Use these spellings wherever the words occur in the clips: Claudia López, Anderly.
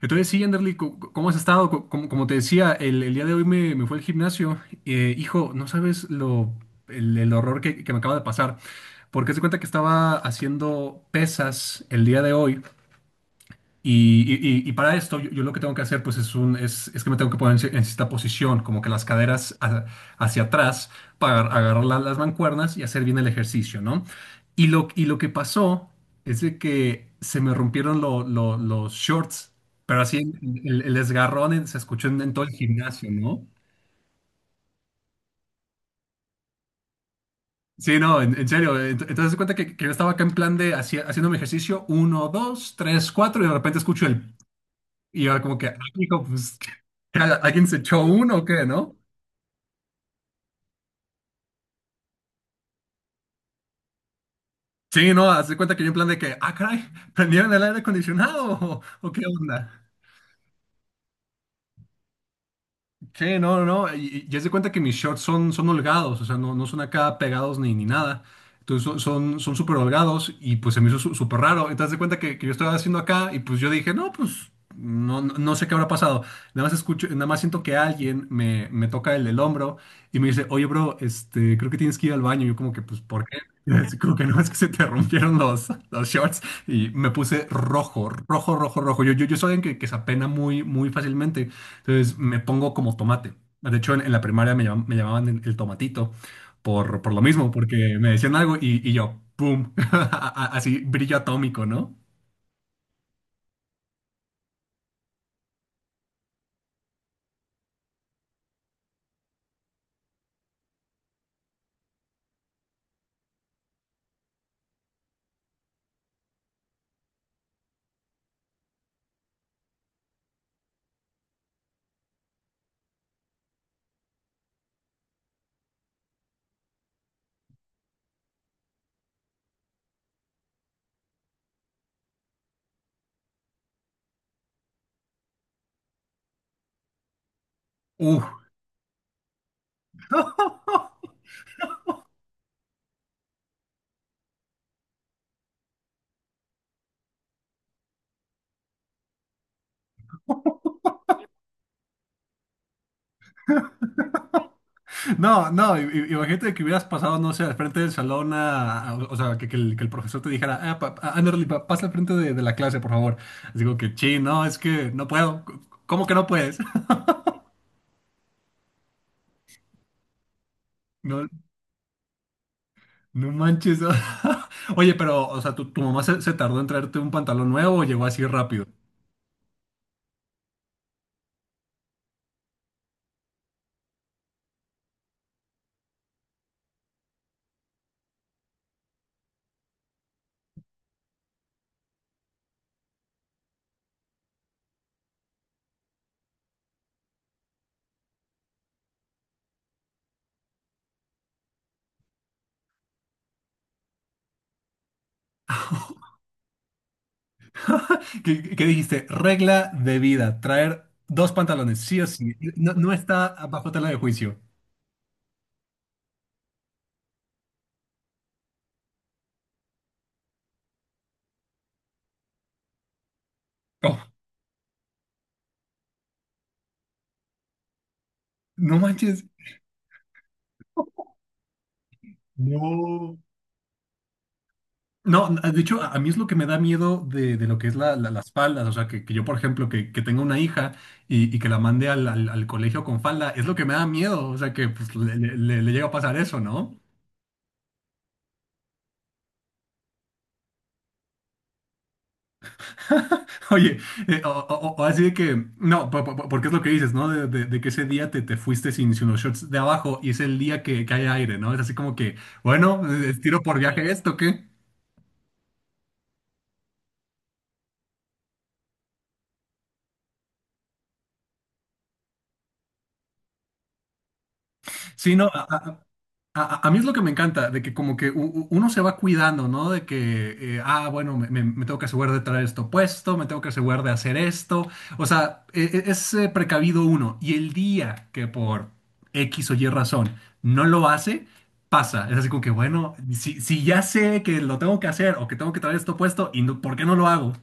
Entonces, sí, Anderly, ¿cómo has estado? Como te decía, el día de hoy me fue al gimnasio. Hijo, no sabes el horror que me acaba de pasar. Porque se cuenta que estaba haciendo pesas el día de hoy. Y, y- y para esto, yo lo que tengo que hacer, pues, es que me tengo que poner en cierta posición, como que las caderas hacia atrás, para agarrar las mancuernas y hacer bien el ejercicio, ¿no? Y lo que pasó es de que se me rompieron los shorts, pero así el desgarrón se escuchó en todo el gimnasio, ¿no? Sí, no, en serio. Entonces, se cuenta que yo estaba acá en plan de haciendo mi ejercicio, uno, dos, tres, cuatro, y de repente escucho el. Y yo como que, ah, hijo, pues, ¿qué? ¿Alguien se echó uno o qué, no? Sí, no, haz de cuenta que yo en plan de que, ah, caray, prendieron el aire acondicionado o qué onda. Sí, no, no, no. Y, ya se cuenta que mis shorts son holgados, o sea, no, no son acá pegados ni nada. Entonces son súper holgados y pues se me hizo súper raro. Entonces haz de cuenta que yo estaba haciendo acá y pues yo dije, no, pues no, no sé qué habrá pasado. Nada más escucho, nada más siento que alguien me toca el hombro y me dice, oye, bro, este, creo que tienes que ir al baño. Y yo como que, pues, ¿por qué? Así como que no, es que se te rompieron los shorts y me puse rojo, rojo, rojo, rojo. Yo soy alguien que se apena muy, muy fácilmente. Entonces me pongo como tomate. De hecho, en la primaria me llamaban el tomatito por lo mismo, porque me decían algo y yo, ¡pum! Así, brillo atómico, ¿no? ¡Uf! No, no, imagínate que hubieras pasado, no sé, al frente del salón, o sea, que el profesor te dijera, ah, Anderly, pasa al frente de la clase, por favor. Digo que, sí, no, es que no puedo. ¿Cómo que no puedes? No manches. Oye, pero, o sea, ¿tu mamá se tardó en traerte un pantalón nuevo o llegó así rápido? ¿Qué dijiste? Regla de vida, traer dos pantalones, sí o sí. No, no está bajo tela de juicio. Oh, no manches. No. No, de hecho, a mí es lo que me da miedo de lo que es las faldas. O sea, que yo, por ejemplo, que tenga una hija y que la mande al colegio con falda, es lo que me da miedo. O sea, que pues, le llega a pasar eso, ¿no? Oye, o así de que, no, porque es lo que dices, ¿no? De que ese día te fuiste sin los shorts de abajo y es el día que hay aire, ¿no? Es así como que, bueno, tiro por viaje esto, ¿qué? Sí, no, a mí es lo que me encanta, de que como que uno se va cuidando, ¿no? De que, ah, bueno, me tengo que asegurar de traer esto puesto, me tengo que asegurar de hacer esto. O sea, es precavido uno. Y el día que por X o Y razón no lo hace, pasa. Es así como que, bueno, si ya sé que lo tengo que hacer o que tengo que traer esto puesto, ¿y por qué no lo hago?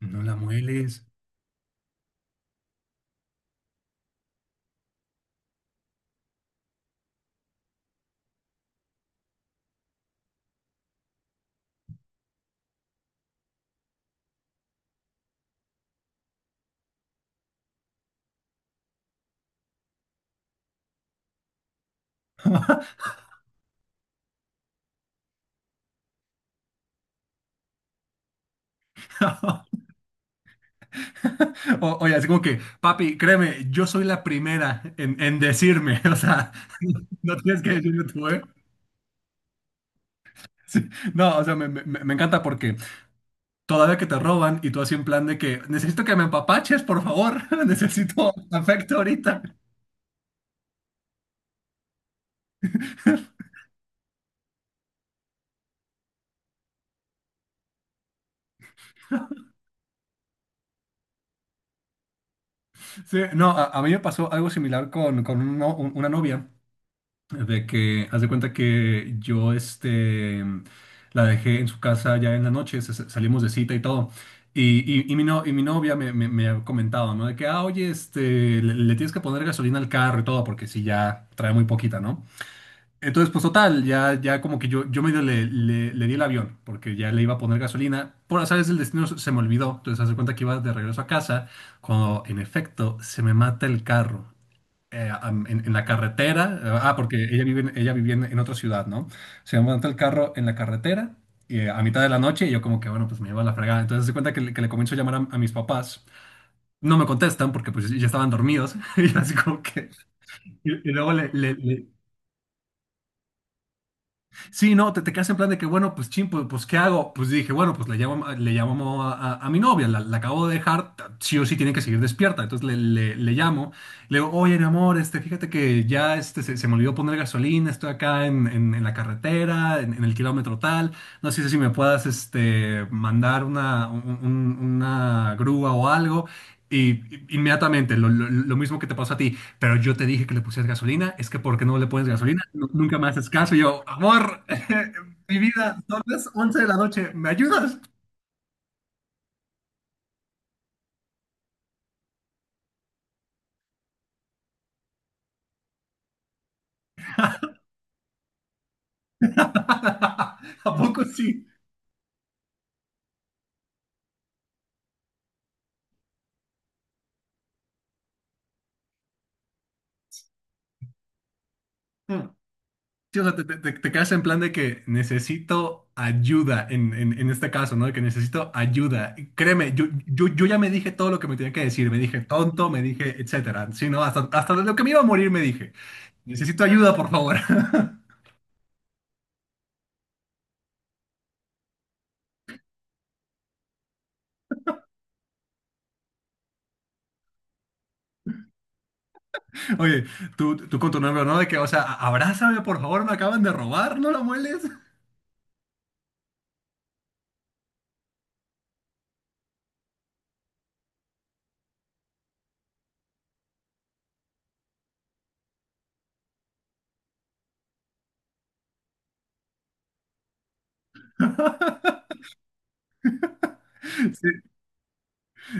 No la mueles. Oye, así como que, papi, créeme, yo soy la primera en decirme, o sea. No tienes que decirme tú, ¿eh? Sí. No, o sea, me encanta porque todavía que te roban y tú así en plan de que necesito que me empapaches, por favor, necesito afecto ahorita. Sí, no, a mí me pasó algo similar con un no- un- una novia, de que haz de cuenta que yo este, la dejé en su casa ya en la noche, salimos de cita y todo. Y mi, no- y mi novia me ha comentado, ¿no? De que, ah, oye, este, le tienes que poner gasolina al carro y todo, porque si ya trae muy poquita, ¿no? Entonces, pues total, ya como que yo medio le di el avión, porque ya le iba a poner gasolina. Por azares del destino se me olvidó. Entonces, hace cuenta que iba de regreso a casa, cuando en efecto se me mata el carro. En la carretera, ah, porque ella vive, ella vivía en otra ciudad, ¿no? Se me mata el carro en la carretera y, a mitad de la noche y yo como que, bueno, pues me iba a la fregada. Entonces, hace cuenta que, que le comienzo a llamar a mis papás. No me contestan porque pues ya estaban dormidos y así como que... Y luego... Sí, no, te quedas en plan de que, bueno, pues chin, pues, ¿qué hago? Pues dije, bueno, pues le llamo a mi novia, la acabo de dejar, sí o sí tiene que seguir despierta. Entonces le llamo, le digo, oye, mi amor, este, fíjate que ya este, se me olvidó poner gasolina, estoy acá en la carretera, en el kilómetro tal, no sé si me puedas este, mandar una grúa o algo. Inmediatamente, lo mismo que te pasó a ti pero yo te dije que le pusieras gasolina, es que ¿por qué no le pones gasolina? Nunca me haces caso. Y yo, amor, mi vida, son las 11 de la noche, ¿me ayudas? ¿A poco sí? Mm. Sí, o sea, te quedas en plan de que necesito ayuda en este caso, ¿no? De que necesito ayuda. Y créeme, yo ya me dije todo lo que me tenía que decir, me dije tonto, me dije etcétera. Sí, no, hasta de lo que me iba a morir me dije, necesito ayuda, por favor. Oye, tú con tu nombre, ¿no? De que, o sea, abrázame, por favor, me acaban de robar, no lo mueles. Sí,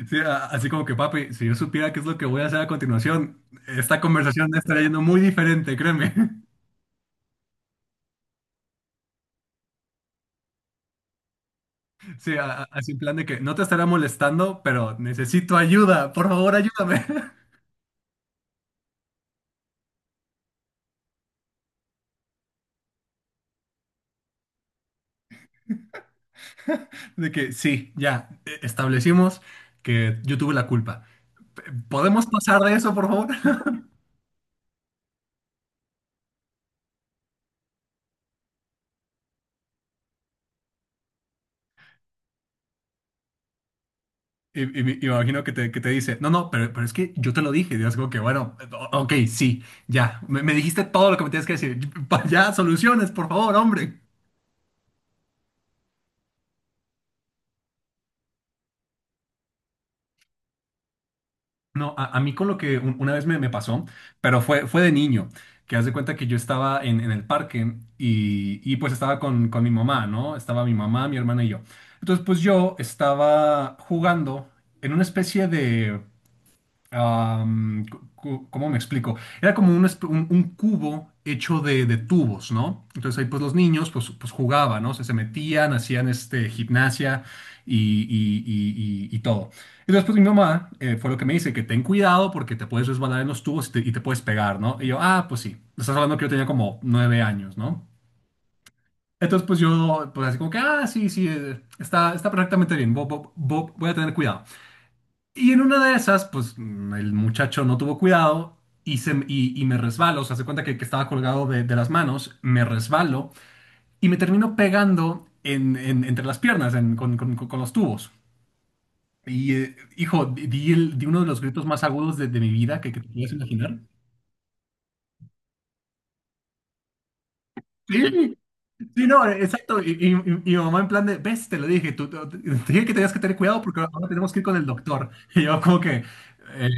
sí, así como que, papi, si yo supiera qué es lo que voy a hacer a continuación, esta conversación estaría yendo muy diferente, créeme. Sí, así en plan de que no te estará molestando, pero necesito ayuda, por favor, ayúdame. De que sí, ya, establecimos que yo tuve la culpa. P- ¿Podemos pasar de eso, por favor? Y me imagino que te dice, no, no, pero es que yo te lo dije. Y es como que, bueno, ok, sí, ya, me dijiste todo lo que me tienes que decir. Ya, soluciones, por favor, hombre. No, a mí con lo que una vez me pasó, pero fue de niño, que haz de cuenta que yo estaba en el parque y pues estaba con mi mamá, ¿no? Estaba mi mamá, mi hermana y yo. Entonces, pues yo estaba jugando en una especie de... ¿cómo me explico? Era como un cubo hecho de tubos, ¿no? Entonces ahí pues los niños pues jugaban, ¿no? O sea, se metían, hacían este, gimnasia y todo. Y después mi mamá fue lo que me dice, que ten cuidado porque te puedes resbalar en los tubos y te puedes pegar, ¿no? Y yo, ah, pues sí, estás hablando que yo tenía como 9 años, ¿no? Entonces pues yo, pues así como que, ah, sí, sí, está perfectamente bien, voy a tener cuidado. Y en una de esas, pues el muchacho no tuvo cuidado y me resbalo. O sea, se cuenta que estaba colgado de las manos, me resbalo y me termino pegando entre las piernas con los tubos. Y hijo, di uno de los gritos más agudos de mi vida que te puedas imaginar. Sí, sí, no, exacto. Y mi mamá en plan de, ves, te lo dije, te dije que tenías que tener cuidado porque ahora tenemos que ir con el doctor. Y yo como que, eh,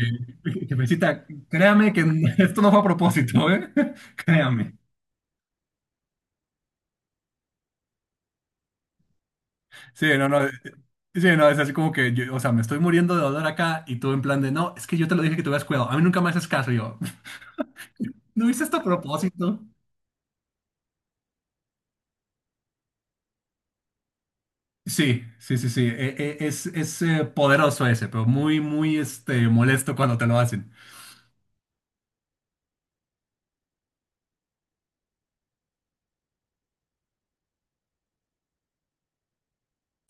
jefecita, créame que esto no fue a propósito, ¿eh? Créame. Sí, no, no. Sí, no, es así como que, yo, o sea, me estoy muriendo de dolor acá y tú en plan de, no, es que yo te lo dije que tuvieras cuidado. A mí nunca me haces caso. Y yo, ¿no hice esto a propósito? Sí, sí, sí, sí. Es poderoso ese, pero muy, muy este, molesto cuando te lo hacen.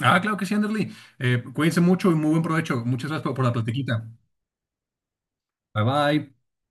Ah, claro que sí, Anderly. Cuídense mucho y muy buen provecho. Muchas gracias por la platiquita. Bye bye.